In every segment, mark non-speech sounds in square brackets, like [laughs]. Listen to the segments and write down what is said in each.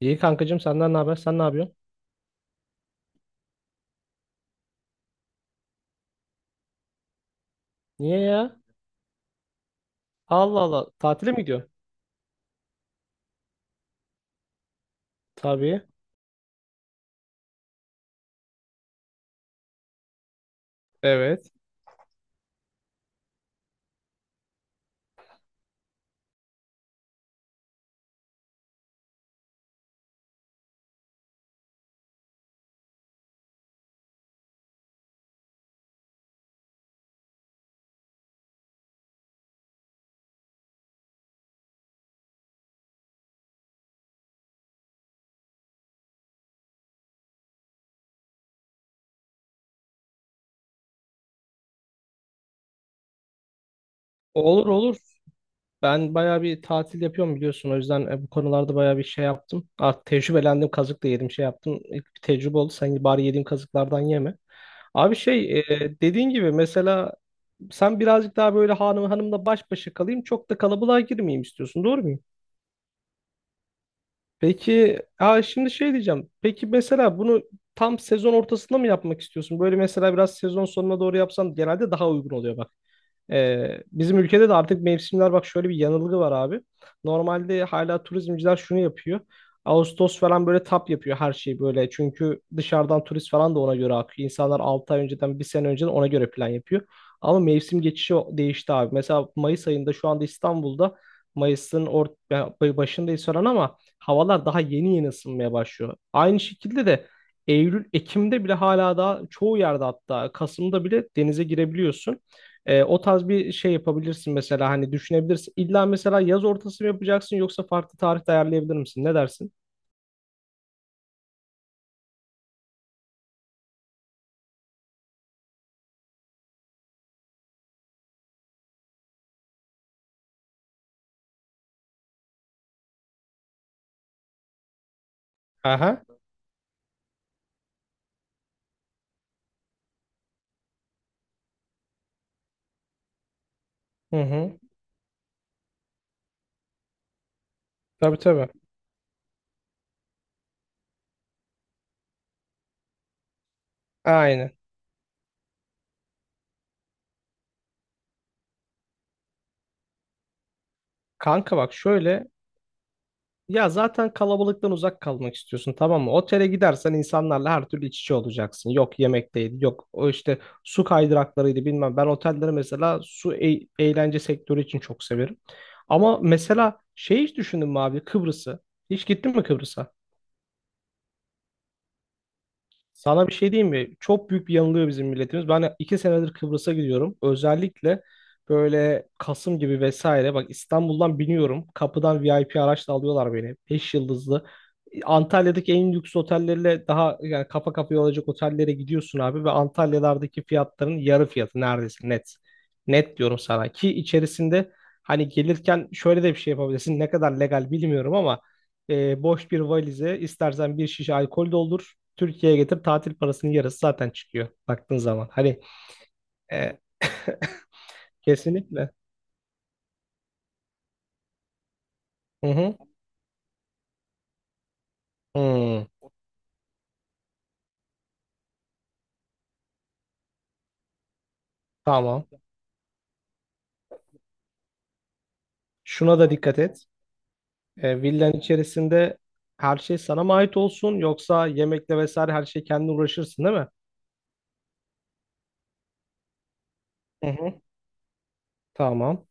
İyi kankacığım, senden ne haber? Sen ne yapıyorsun? Niye ya? Allah Allah. Tatile mi gidiyorsun? Tabii. Evet. Olur olur. Ben bayağı bir tatil yapıyorum biliyorsun. O yüzden bu konularda bayağı bir şey yaptım. Artık tecrübelendim. Kazık da yedim şey yaptım. İlk bir tecrübe oldu. Sen bari yediğim kazıklardan yeme. Abi şey dediğin gibi mesela sen birazcık daha böyle hanım hanımla baş başa kalayım. Çok da kalabalığa girmeyeyim istiyorsun. Doğru mu? Peki, ha şimdi şey diyeceğim. Peki mesela bunu tam sezon ortasında mı yapmak istiyorsun? Böyle mesela biraz sezon sonuna doğru yapsan genelde daha uygun oluyor bak. Bizim ülkede de artık mevsimler bak şöyle bir yanılgı var abi. Normalde hala turizmciler şunu yapıyor. Ağustos falan böyle tap yapıyor her şeyi böyle. Çünkü dışarıdan turist falan da ona göre akıyor. İnsanlar 6 ay önceden, bir sene önceden ona göre plan yapıyor. Ama mevsim geçişi değişti abi. Mesela Mayıs ayında şu anda İstanbul'da Mayıs'ın başındayız falan ama havalar daha yeni yeni ısınmaya başlıyor. Aynı şekilde de Eylül, Ekim'de bile hala daha çoğu yerde hatta Kasım'da bile denize girebiliyorsun. O tarz bir şey yapabilirsin mesela hani düşünebilirsin. İlla mesela yaz ortası mı yapacaksın yoksa farklı tarihte ayarlayabilir misin? Ne dersin? Aha. Hı hı. Tabii tabii. Aynen. Kanka bak şöyle ya zaten kalabalıktan uzak kalmak istiyorsun, tamam mı? Otele gidersen insanlarla her türlü iç içe olacaksın. Yok yemekteydi, yok o işte su kaydıraklarıydı bilmem. Ben otelleri mesela su eğlence sektörü için çok severim. Ama mesela şey hiç düşündün mü abi Kıbrıs'ı? Hiç gittin mi Kıbrıs'a? Sana bir şey diyeyim mi? Çok büyük bir yanılıyor bizim milletimiz. Ben iki senedir Kıbrıs'a gidiyorum. Özellikle böyle Kasım gibi vesaire. Bak İstanbul'dan biniyorum. Kapıdan VIP araçla alıyorlar beni. Beş yıldızlı. Antalya'daki en lüks otellerle daha yani kafa kafaya olacak otellere gidiyorsun abi. Ve Antalya'lardaki fiyatların yarı fiyatı neredeyse net. Net diyorum sana. Ki içerisinde hani gelirken şöyle de bir şey yapabilirsin. Ne kadar legal bilmiyorum ama boş bir valize istersen bir şişe alkol doldur. Türkiye'ye getir, tatil parasının yarısı zaten çıkıyor baktığın zaman. Hani e, kesinlikle. Hı hı. Hmm, tamam. Şuna da dikkat et. Villanın içerisinde her şey sana mı ait olsun yoksa yemekle vesaire her şey kendin uğraşırsın değil mi? Hı hı. Tamam.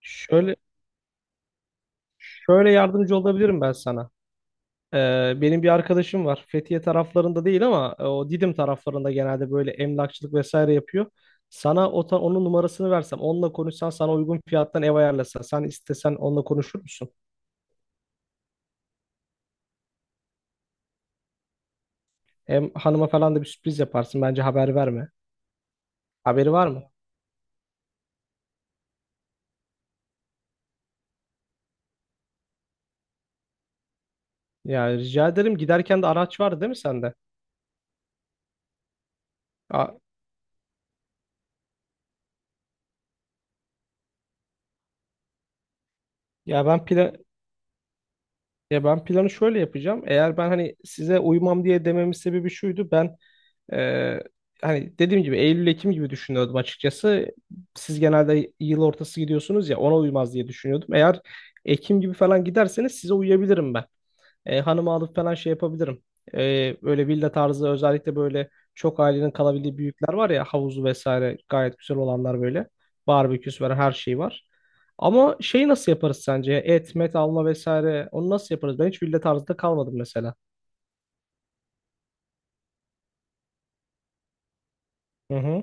Şöyle şöyle yardımcı olabilirim ben sana. Benim bir arkadaşım var. Fethiye taraflarında değil ama o Didim taraflarında genelde böyle emlakçılık vesaire yapıyor. Sana onun numarasını versem, onunla konuşsan sana uygun fiyattan ev ayarlasa. Sen istesen onunla konuşur musun? Hem hanıma falan da bir sürpriz yaparsın. Bence haber verme. Haberi var mı? Ya rica ederim. Giderken de araç vardı değil mi sende? Aa, ya ben plan ya ben planı şöyle yapacağım. Eğer ben hani size uymam diye dememin sebebi şuydu. Ben Ee, hani dediğim gibi Eylül-Ekim gibi düşünüyordum açıkçası. Siz genelde yıl ortası gidiyorsunuz ya, ona uymaz diye düşünüyordum. Eğer Ekim gibi falan giderseniz size uyabilirim ben. Hanımı alıp falan şey yapabilirim. Böyle villa tarzı özellikle böyle çok ailenin kalabildiği büyükler var ya, havuzu vesaire gayet güzel olanlar böyle. Barbeküsü var, her şey var. Ama şeyi nasıl yaparız sence? Et, met alma vesaire onu nasıl yaparız? Ben hiç villa tarzında kalmadım mesela. Hı hı.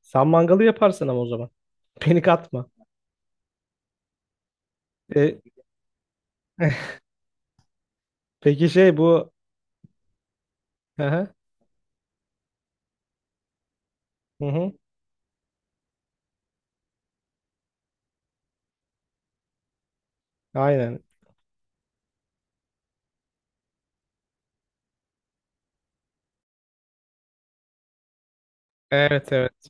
Sen mangalı yaparsın ama o zaman. [laughs] Beni katma. E, peki şey bu, hı hı, hı hı, aynen. Evet evet,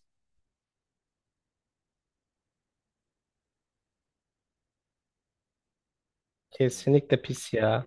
kesinlikle pis ya.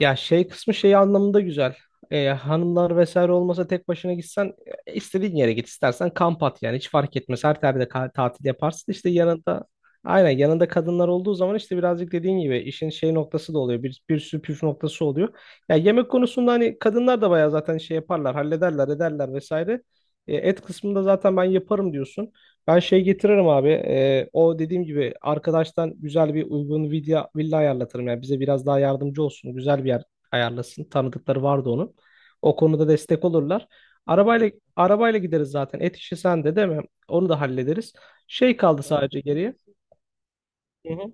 Ya şey kısmı şey anlamında güzel. Hanımlar vesaire olmasa tek başına gitsen istediğin yere git, istersen kamp at, yani hiç fark etmez. Her yerde tatil yaparsın işte yanında, aynen yanında kadınlar olduğu zaman işte birazcık dediğin gibi işin şey noktası da oluyor. Bir sürü püf noktası oluyor. Ya yemek konusunda hani kadınlar da bayağı zaten şey yaparlar, hallederler, ederler vesaire. Et kısmında zaten ben yaparım diyorsun. Ben şey getiririm abi. O dediğim gibi arkadaştan güzel bir uygun villa ayarlatırım. Yani bize biraz daha yardımcı olsun. Güzel bir yer ayarlasın. Tanıdıkları vardı onun. O konuda destek olurlar. Arabayla gideriz zaten. Et işi sende değil mi? Onu da hallederiz. Şey kaldı, evet, sadece geriye. Hı hı.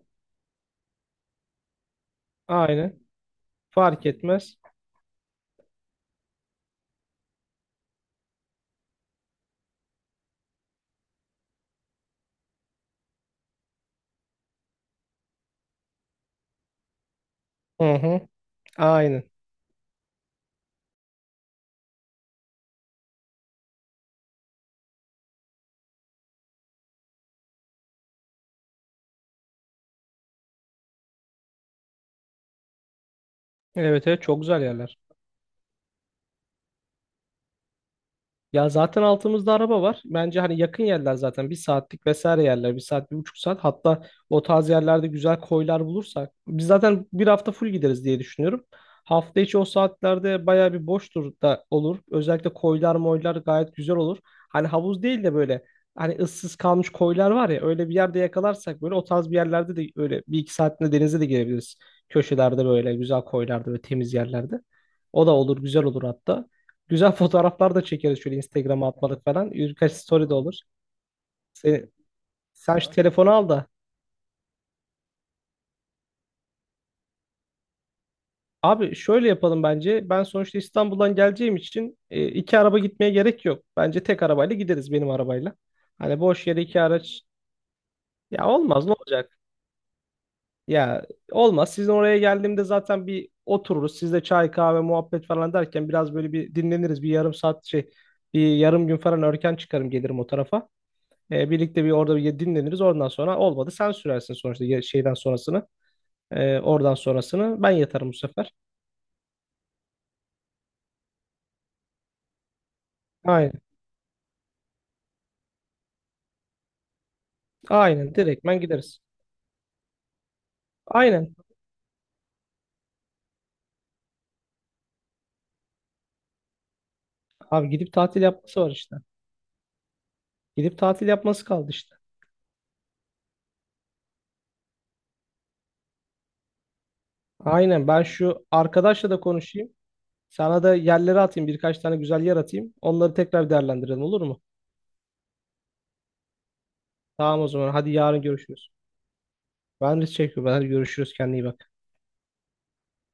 Aynen. Fark etmez. Hı hı. Aynen. Evet evet, çok güzel yerler. Ya zaten altımızda araba var. Bence hani yakın yerler zaten bir saatlik vesaire yerler. Bir saat, bir buçuk saat. Hatta o tarz yerlerde güzel koylar bulursak. Biz zaten bir hafta full gideriz diye düşünüyorum. Hafta içi o saatlerde bayağı bir boştur da olur. Özellikle koylar moylar gayet güzel olur. Hani havuz değil de böyle hani ıssız kalmış koylar var ya, öyle bir yerde yakalarsak böyle o tarz bir yerlerde de öyle bir iki saatinde denize de girebiliriz. Köşelerde böyle güzel koylarda ve temiz yerlerde. O da olur, güzel olur hatta. Güzel fotoğraflar da çekeriz şöyle Instagram'a atmalık falan. Birkaç story de olur. Sen, Sen şu telefonu al da. Abi şöyle yapalım bence. Ben sonuçta İstanbul'dan geleceğim için iki araba gitmeye gerek yok. Bence tek arabayla gideriz, benim arabayla. Hani boş yere iki araç. Ya olmaz, ne olacak? Ya olmaz. Sizin oraya geldiğimde zaten bir otururuz. Sizle çay kahve muhabbet falan derken biraz böyle bir dinleniriz. Bir yarım saat şey bir yarım gün falan erken çıkarım gelirim o tarafa. Birlikte bir orada bir dinleniriz. Oradan sonra olmadı sen sürersin sonuçta şeyden sonrasını. Oradan sonrasını ben yatarım bu sefer. Aynen. Aynen. Direktmen gideriz. Aynen. Abi gidip tatil yapması var işte. Gidip tatil yapması kaldı işte. Aynen. Ben şu arkadaşla da konuşayım. Sana da yerleri atayım. Birkaç tane güzel yer atayım. Onları tekrar değerlendirelim, olur mu? Tamam o zaman. Hadi yarın görüşürüz. Ben de çekiyorum. Hadi görüşürüz. Kendine iyi bak.